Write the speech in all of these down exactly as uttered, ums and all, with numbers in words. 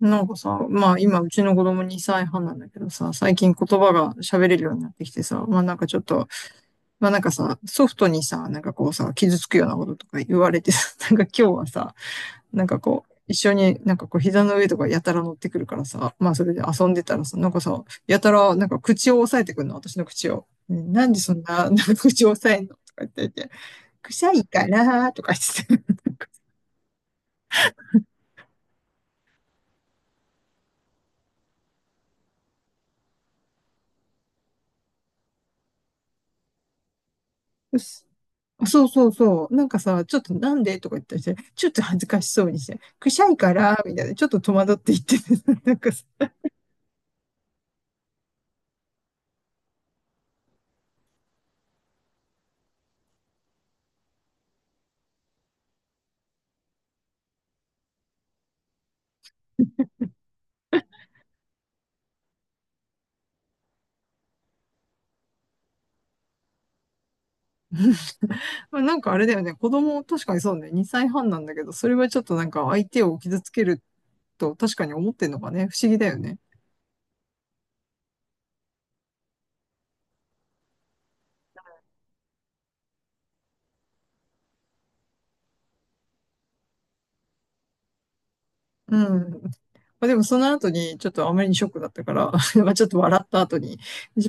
なんかさ、まあ今うちの子供にさいはんなんだけどさ、最近言葉が喋れるようになってきてさ、まあなんかちょっと、まあなんかさ、ソフトにさ、なんかこうさ、傷つくようなこととか言われてさ、なんか今日はさ、なんかこう、一緒になんかこう膝の上とかやたら乗ってくるからさ、まあそれで遊んでたらさ、なんかさ、やたらなんか口を押さえてくるの、私の口を。ねなんでそんな、なんか口を押さえんのとか言ってて、臭いかなーとか言ってて。そうそうそう。なんかさ、ちょっとなんでとか言ったりして、ちょっと恥ずかしそうにして、くしゃいから、みたいな、ちょっと戸惑って言ってて、なんかさ、まあなんかあれだよね、子供、確かにそうね、にさいはんなんだけど、それはちょっとなんか相手を傷つけると確かに思ってんのかね、不思議だよね。うん。まあ、でもその後に、ちょっとあまりにショックだったから、まあちょっと笑った後に、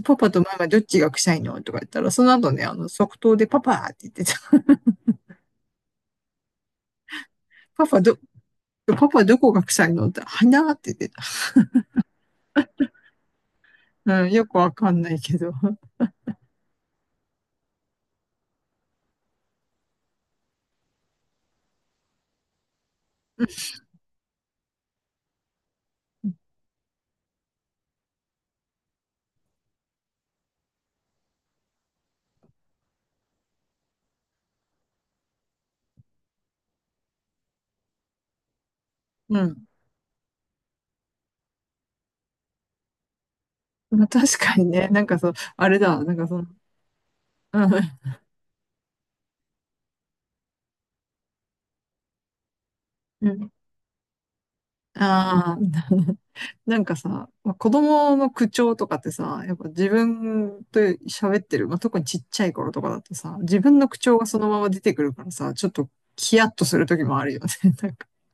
パパとママどっちが臭いのとか言ったら、その後ね、あの、即答でパパって言ってた。パパど、パパどこが臭いのって、鼻って言って、うん、よくわかんないけど。うん。まあ、確かにね、なんかそう、あれだ、なんかその、うん。うん、ああ、なんかさ、まあ、子供の口調とかってさ、やっぱ自分と喋ってる、まあ、特にちっちゃい頃とかだとさ、自分の口調がそのまま出てくるからさ、ちょっとヒヤッとする時もあるよね。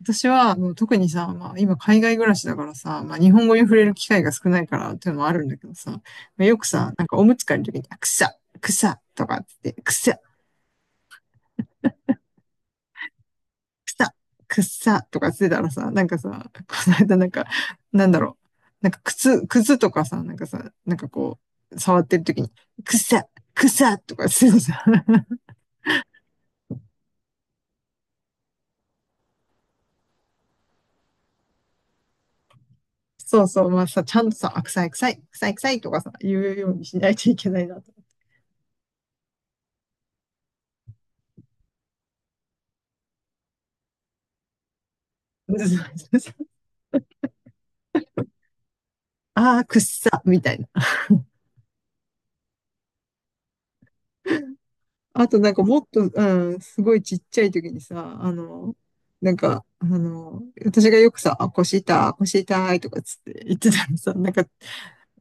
私は、もう特にさ、まあ、今海外暮らしだからさ、まあ、日本語に触れる機会が少ないからっていうのもあるんだけどさ、まあ、よくさ、なんかおむつ替えるときに、あくさ、くさとかって、くさ、くさ、くさとかつってたらさ、なんかさ、この間なんか、なんだろう、なんか靴、靴とかさ、なんかさ、なんかこう、触ってるときに、くさ、くさとかつってさ、そうそう、まあさ、ちゃんとさ、あ、臭い臭い、臭い臭いとかさ、言うようにしないといけないなと。ああ、くっさ、みたいな。あとなんかもっと、うん、すごいちっちゃい時にさ、あの、なんか、あの、私がよくさ、あ、腰痛い、腰痛いとかつって言ってたらさ、なんか、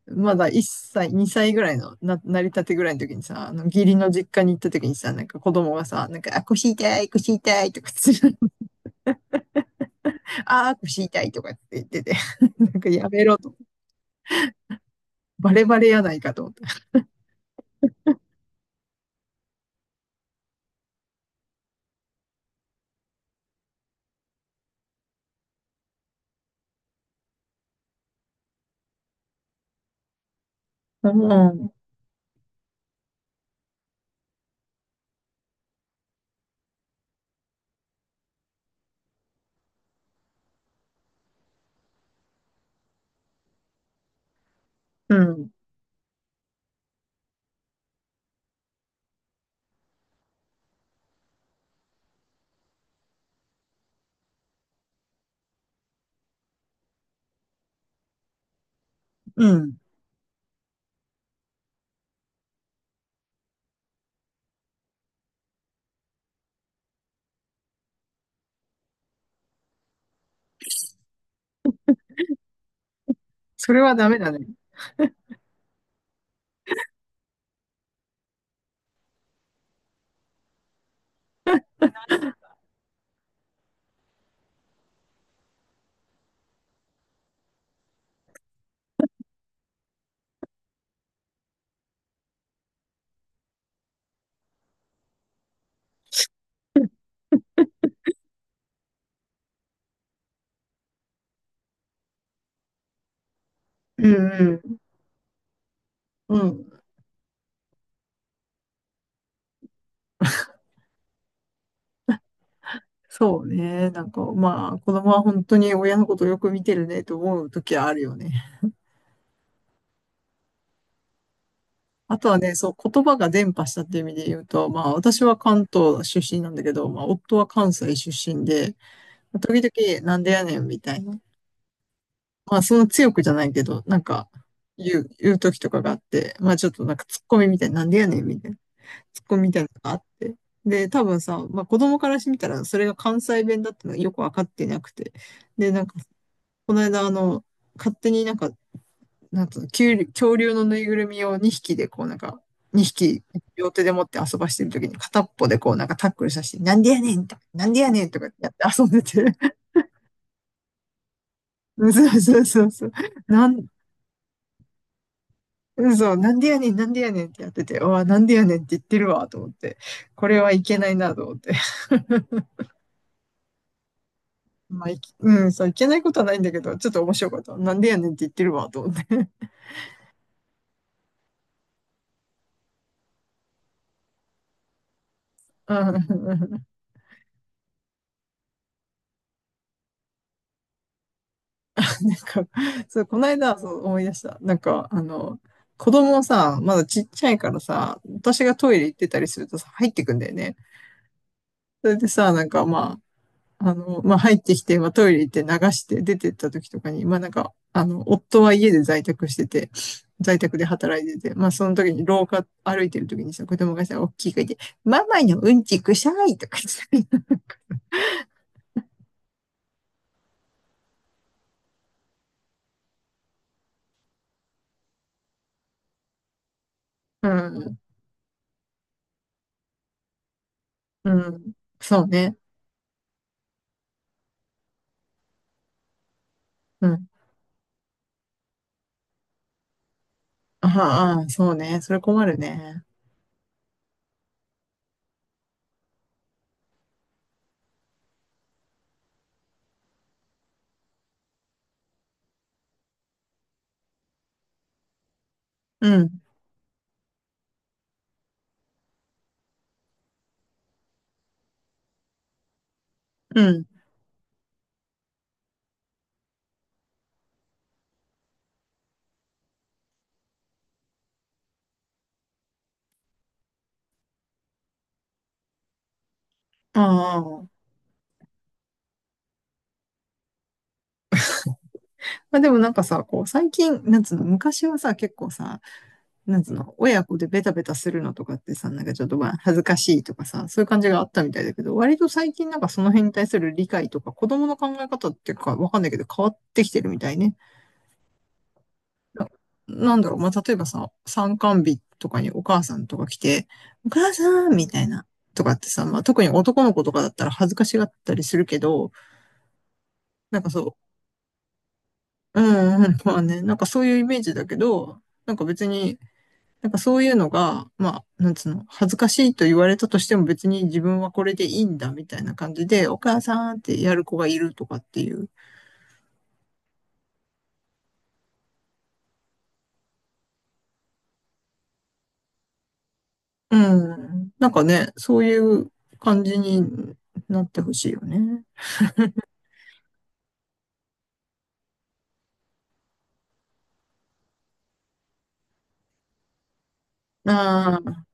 まだいっさい、にさいぐらいの、な、なりたてぐらいの時にさ、あの、義理の実家に行った時にさ、なんか子供がさ、なんか、あ、腰痛い、腰痛いとかつって、あー、腰痛いとかって言ってて、なんかやめろと。バレバレやないかと思った。うん、うん、うん。それはダメだね。うん、うん、うん。そうね。なんか、まあ、子供は本当に親のことをよく見てるねと思う時はあるよね。あとはね、そう、言葉が伝播したっていう意味で言うと、まあ、私は関東出身なんだけど、まあ、夫は関西出身で、時々、なんでやねんみたいな。まあ、そんな強くじゃないけど、なんか、言う、言う時とかがあって、まあ、ちょっとなんか、ツッコミみたいな、なんでやねんみたいな、ツッコミみたいなのがあって。で、多分さ、まあ、子供からしてみたら、それが関西弁だってのはよくわかってなくて、で、なんかこの間、あの、勝手になんか、なんつうの、恐竜恐竜のぬいぐるみをにひきで、こうなんか、にひき両手で持って遊ばしてる時に片っぽでこうなんかタックルさせて、なんでやねんとか、なんでやねんとかやって遊んでて、そうそうそうそう、なん、そう、なんでやねん、なんでやねんってやってて、うわ、なんでやねんって言ってるわ、と思って、これはいけないな、と思って。まあ、いきうん、そう、いけないことはないんだけど、ちょっと面白かった。なんでやねんって言ってるわ、と思って。うん なんか、そう、この間、そう思い出した。なんか、あの、子供さ、まだちっちゃいからさ、私がトイレ行ってたりするとさ、入ってくんだよね。それでさ、なんかまあ、あの、まあ入ってきて、まあトイレ行って流して出てった時とかに、まあなんか、あの、夫は家で在宅してて、在宅で働いてて、まあその時に廊下歩いてる時にさ、子供がさ、大きい声で、ママのうんちくしゃいとか言ってた。うん、うん、そうね。うん。ああ、ああそうね。それ困るね。うん。うん。ああ。まあでもなんかさ、こう最近、なんつうの、昔はさ、結構さ、なんつうの、親子でベタベタするのとかってさ、なんかちょっとまあ恥ずかしいとかさ、そういう感じがあったみたいだけど、割と最近なんかその辺に対する理解とか、子供の考え方っていうかわかんないけど変わってきてるみたいね。な、なんだろう、まあ例えばさ、参観日とかにお母さんとか来て、お母さんみたいな。とかってさ、まあ、特に男の子とかだったら恥ずかしがったりするけど、なんかそう、うんうん、まあね、なんかそういうイメージだけど、なんか別に、なんかそういうのが、まあ、なんつうの、恥ずかしいと言われたとしても別に自分はこれでいいんだみたいな感じで、お母さんってやる子がいるとかっていう。うん。なんかね、そういう感じになってほしいよね。ああ、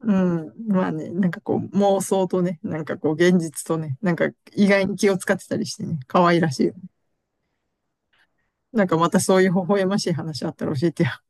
うん。まあね、なんかこう妄想とね、なんかこう現実とね、なんか意外に気を使ってたりしてね、可愛らしいよね。なんかまたそういう微笑ましい話あったら教えてよ。